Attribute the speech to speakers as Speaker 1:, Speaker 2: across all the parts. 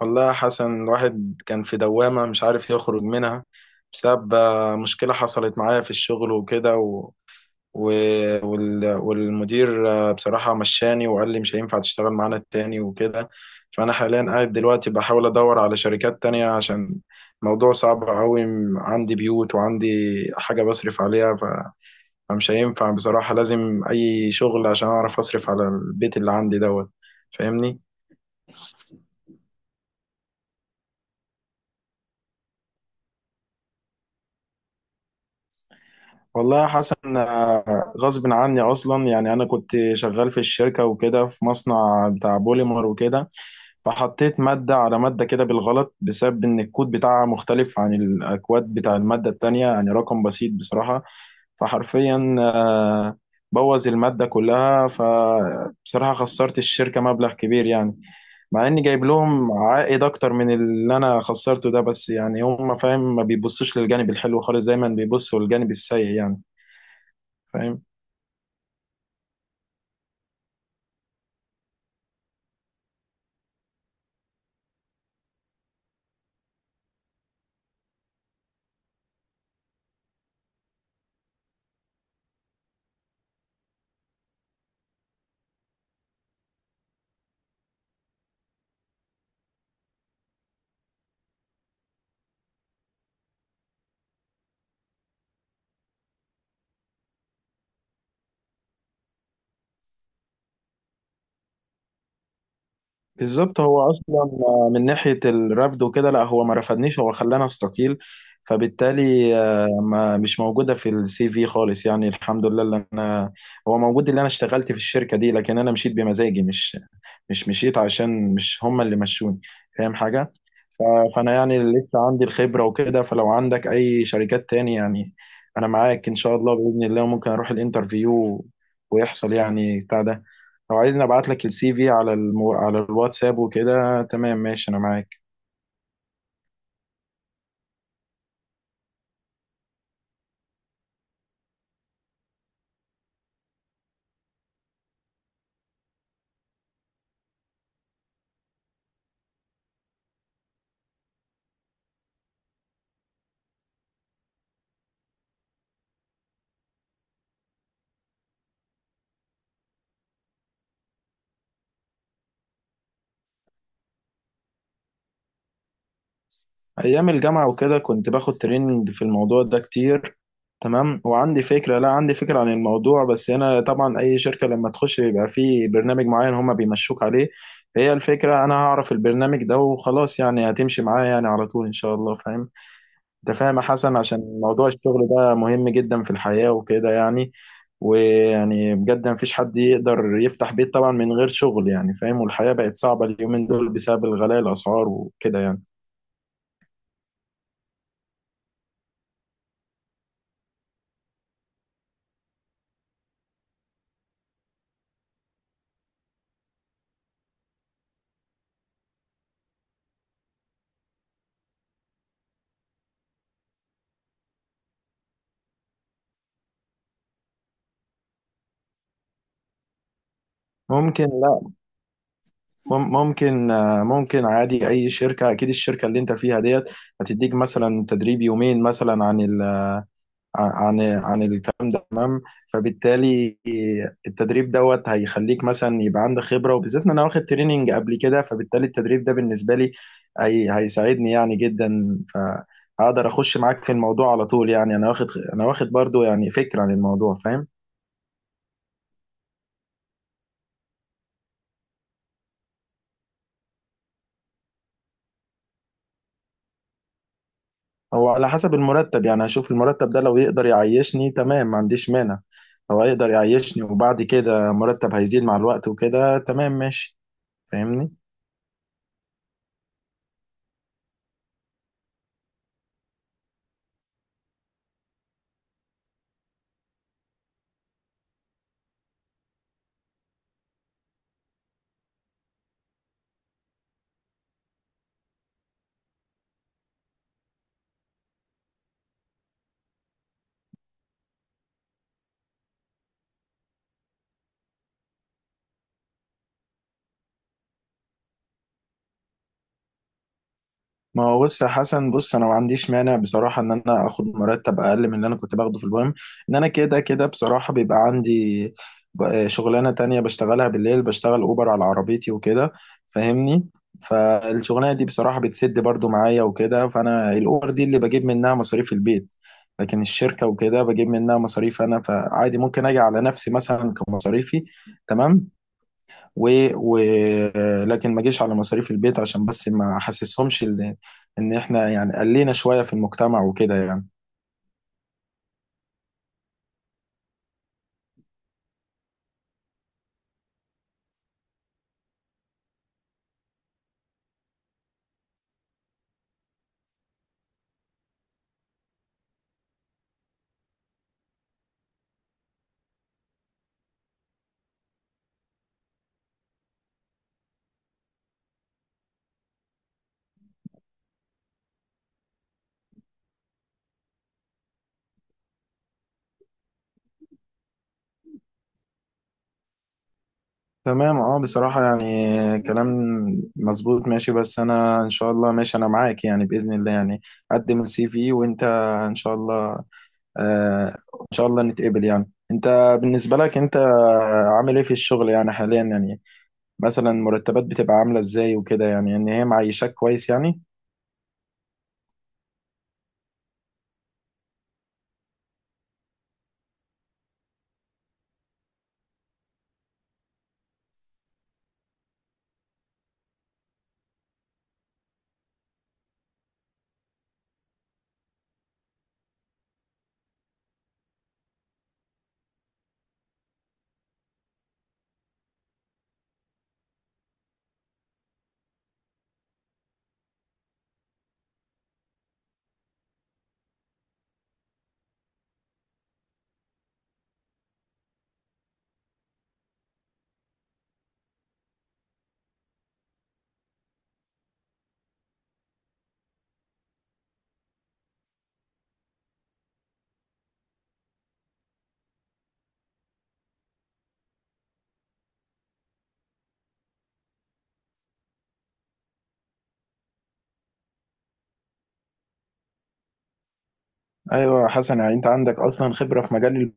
Speaker 1: والله يا حسن، الواحد كان في دوامة مش عارف يخرج منها بسبب مشكلة حصلت معايا في الشغل وكده و... والمدير، بصراحة مشاني وقال لي مش هينفع تشتغل معانا التاني وكده. فأنا حاليا قاعد دلوقتي بحاول أدور على شركات تانية، عشان موضوع صعب أوي. عندي بيوت وعندي حاجة بصرف عليها فمش هينفع. بصراحة لازم أي شغل عشان أعرف أصرف على البيت اللي عندي دوت. فاهمني؟ والله يا حسن، غصب عني اصلا. يعني انا كنت شغال في الشركه وكده، في مصنع بتاع بوليمر وكده، فحطيت ماده على ماده كده بالغلط، بسبب ان الكود بتاعها مختلف عن الاكواد بتاع الماده التانية، يعني رقم بسيط بصراحه. فحرفيا بوظ الماده كلها. فبصراحه خسرت الشركه مبلغ كبير يعني، مع اني جايب لهم عائد اكتر من اللي انا خسرته ده. بس يعني هم فاهم، ما بيبصوش للجانب الحلو خالص، دايما بيبصوا للجانب السيء يعني فاهم. بالظبط، هو اصلا من ناحيه الرفض وكده، لا، هو ما رفضنيش، هو خلاني استقيل. فبالتالي، ما مش موجوده في السي في خالص يعني. الحمد لله، اللي انا هو موجود اللي انا اشتغلت في الشركه دي، لكن انا مشيت بمزاجي، مش مشيت عشان مش هم اللي مشوني. فاهم حاجه. ف- فانا يعني لسه عندي الخبره وكده، فلو عندك اي شركات تاني يعني، انا معاك ان شاء الله، باذن الله ممكن اروح الانترفيو ويحصل يعني بتاع ده. لو عايزني ابعت لك السي في على على الواتساب وكده، تمام ماشي، انا معاك. ايام الجامعه وكده كنت باخد تريننج في الموضوع ده كتير. تمام. وعندي فكره لا عندي فكره عن الموضوع، بس هنا طبعا اي شركه لما تخش بيبقى في برنامج معين هما بيمشوك عليه. فهي الفكره، انا هعرف البرنامج ده وخلاص يعني، هتمشي معايا يعني على طول ان شاء الله، فاهم. انت فاهم يا حسن، عشان موضوع الشغل ده مهم جدا في الحياة وكده يعني. ويعني بجد مفيش حد يقدر يفتح بيت طبعا من غير شغل يعني، فاهم. والحياة بقت صعبة اليومين دول بسبب الغلاء الأسعار وكده يعني. ممكن، لا، ممكن، ممكن عادي أي شركة. أكيد الشركة اللي أنت فيها ديت هتديك مثلا تدريب يومين مثلا عن ال عن عن الكلام ده. فبالتالي التدريب دوت هيخليك مثلا يبقى عندك خبرة، وبالذات ان انا واخد تريننج قبل كده. فبالتالي التدريب ده بالنسبة لي هيساعدني يعني جدا، فهقدر اخش معاك في الموضوع على طول يعني. انا واخد برضو يعني فكرة عن الموضوع، فاهم. هو على حسب المرتب يعني، هشوف المرتب ده لو يقدر يعيشني تمام ما عنديش مانع. هو يقدر يعيشني، وبعد كده مرتب هيزيد مع الوقت وكده، تمام ماشي. فاهمني. ما هو بص يا حسن، بص، انا ما عنديش مانع بصراحه ان انا اخد مرتب اقل من اللي انا كنت باخده في البوم. ان انا كده كده بصراحه بيبقى عندي، شغلانه تانية بشتغلها بالليل، بشتغل اوبر على عربيتي وكده، فاهمني. فالشغلانه دي بصراحه بتسد برضو معايا وكده. فانا الاوبر دي اللي بجيب منها مصاريف البيت، لكن الشركه وكده بجيب منها مصاريف انا. فعادي ممكن اجي على نفسي مثلا كمصاريفي، تمام، و... و... لكن ما جيش على مصاريف البيت، عشان بس ما احسسهمش ان احنا يعني قلينا شوية في المجتمع وكده يعني. تمام، اه، بصراحة يعني كلام مظبوط. ماشي، بس انا ان شاء الله، ماشي انا معاك يعني، بإذن الله يعني، قدم السي في وانت ان شاء الله، آه، ان شاء الله نتقبل يعني. انت بالنسبة لك، انت عامل ايه في الشغل يعني حاليا يعني؟ مثلا مرتبات بتبقى عاملة ازاي وكده يعني، ان هي معيشاك كويس يعني؟ ايوه يا حسن، يعني انت عندك اصلا خبرة في مجال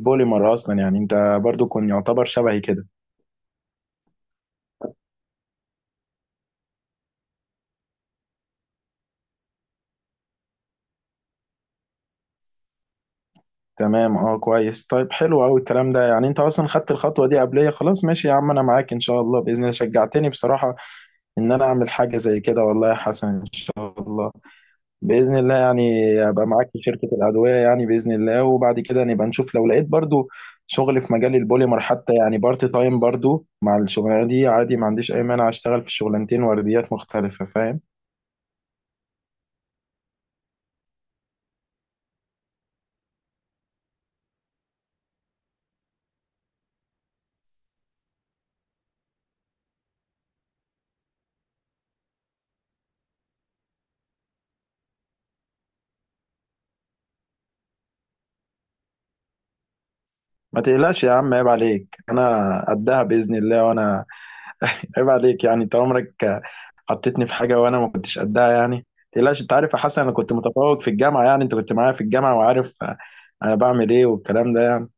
Speaker 1: بوليمر اصلا يعني. انت برضو كنت يعتبر شبهي كده. تمام، اه، كويس، طيب، حلو قوي الكلام ده يعني. انت اصلا خدت الخطوه دي قبليه، خلاص ماشي يا عم، انا معاك ان شاء الله، باذن الله. شجعتني بصراحه ان انا اعمل حاجه زي كده، والله يا حسن. ان شاء الله، باذن الله يعني ابقى معاك في شركه الادويه يعني باذن الله، وبعد كده نبقى نشوف. لو لقيت برضو شغل في مجال البوليمر حتى يعني بارت تايم، برضو مع الشغلانه دي عادي ما عنديش اي مانع، اشتغل في شغلانتين ورديات مختلفه، فاهم. ما تقلقش يا عم، عيب عليك، انا قدها باذن الله. وانا عيب عليك يعني، انت عمرك حطيتني في حاجه وانا ما كنتش قدها يعني؟ ما تقلقش. انت عارف يا حسن، انا كنت متفوق في الجامعه يعني، انت كنت معايا في الجامعه وعارف انا بعمل ايه والكلام ده يعني.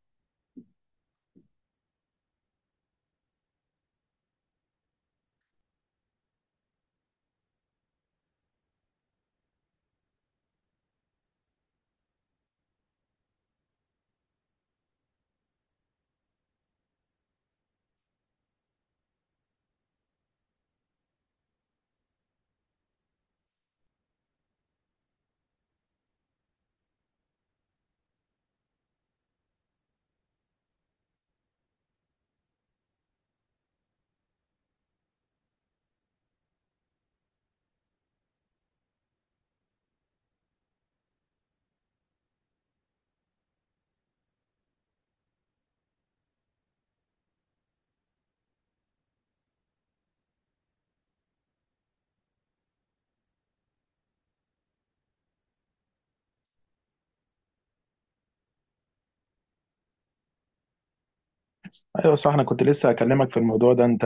Speaker 1: ايوه صح، انا كنت لسه اكلمك في الموضوع ده. انت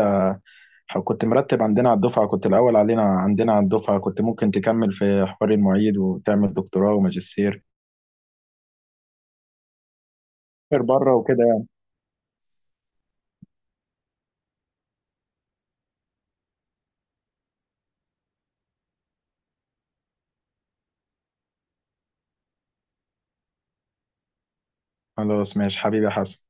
Speaker 1: كنت مرتب عندنا على الدفعه، كنت الاول علينا عندنا على الدفعه، كنت ممكن تكمل في حوار المعيد وتعمل دكتوراه وماجستير بره وكده يعني. خلاص ماشي حبيبي يا حسن.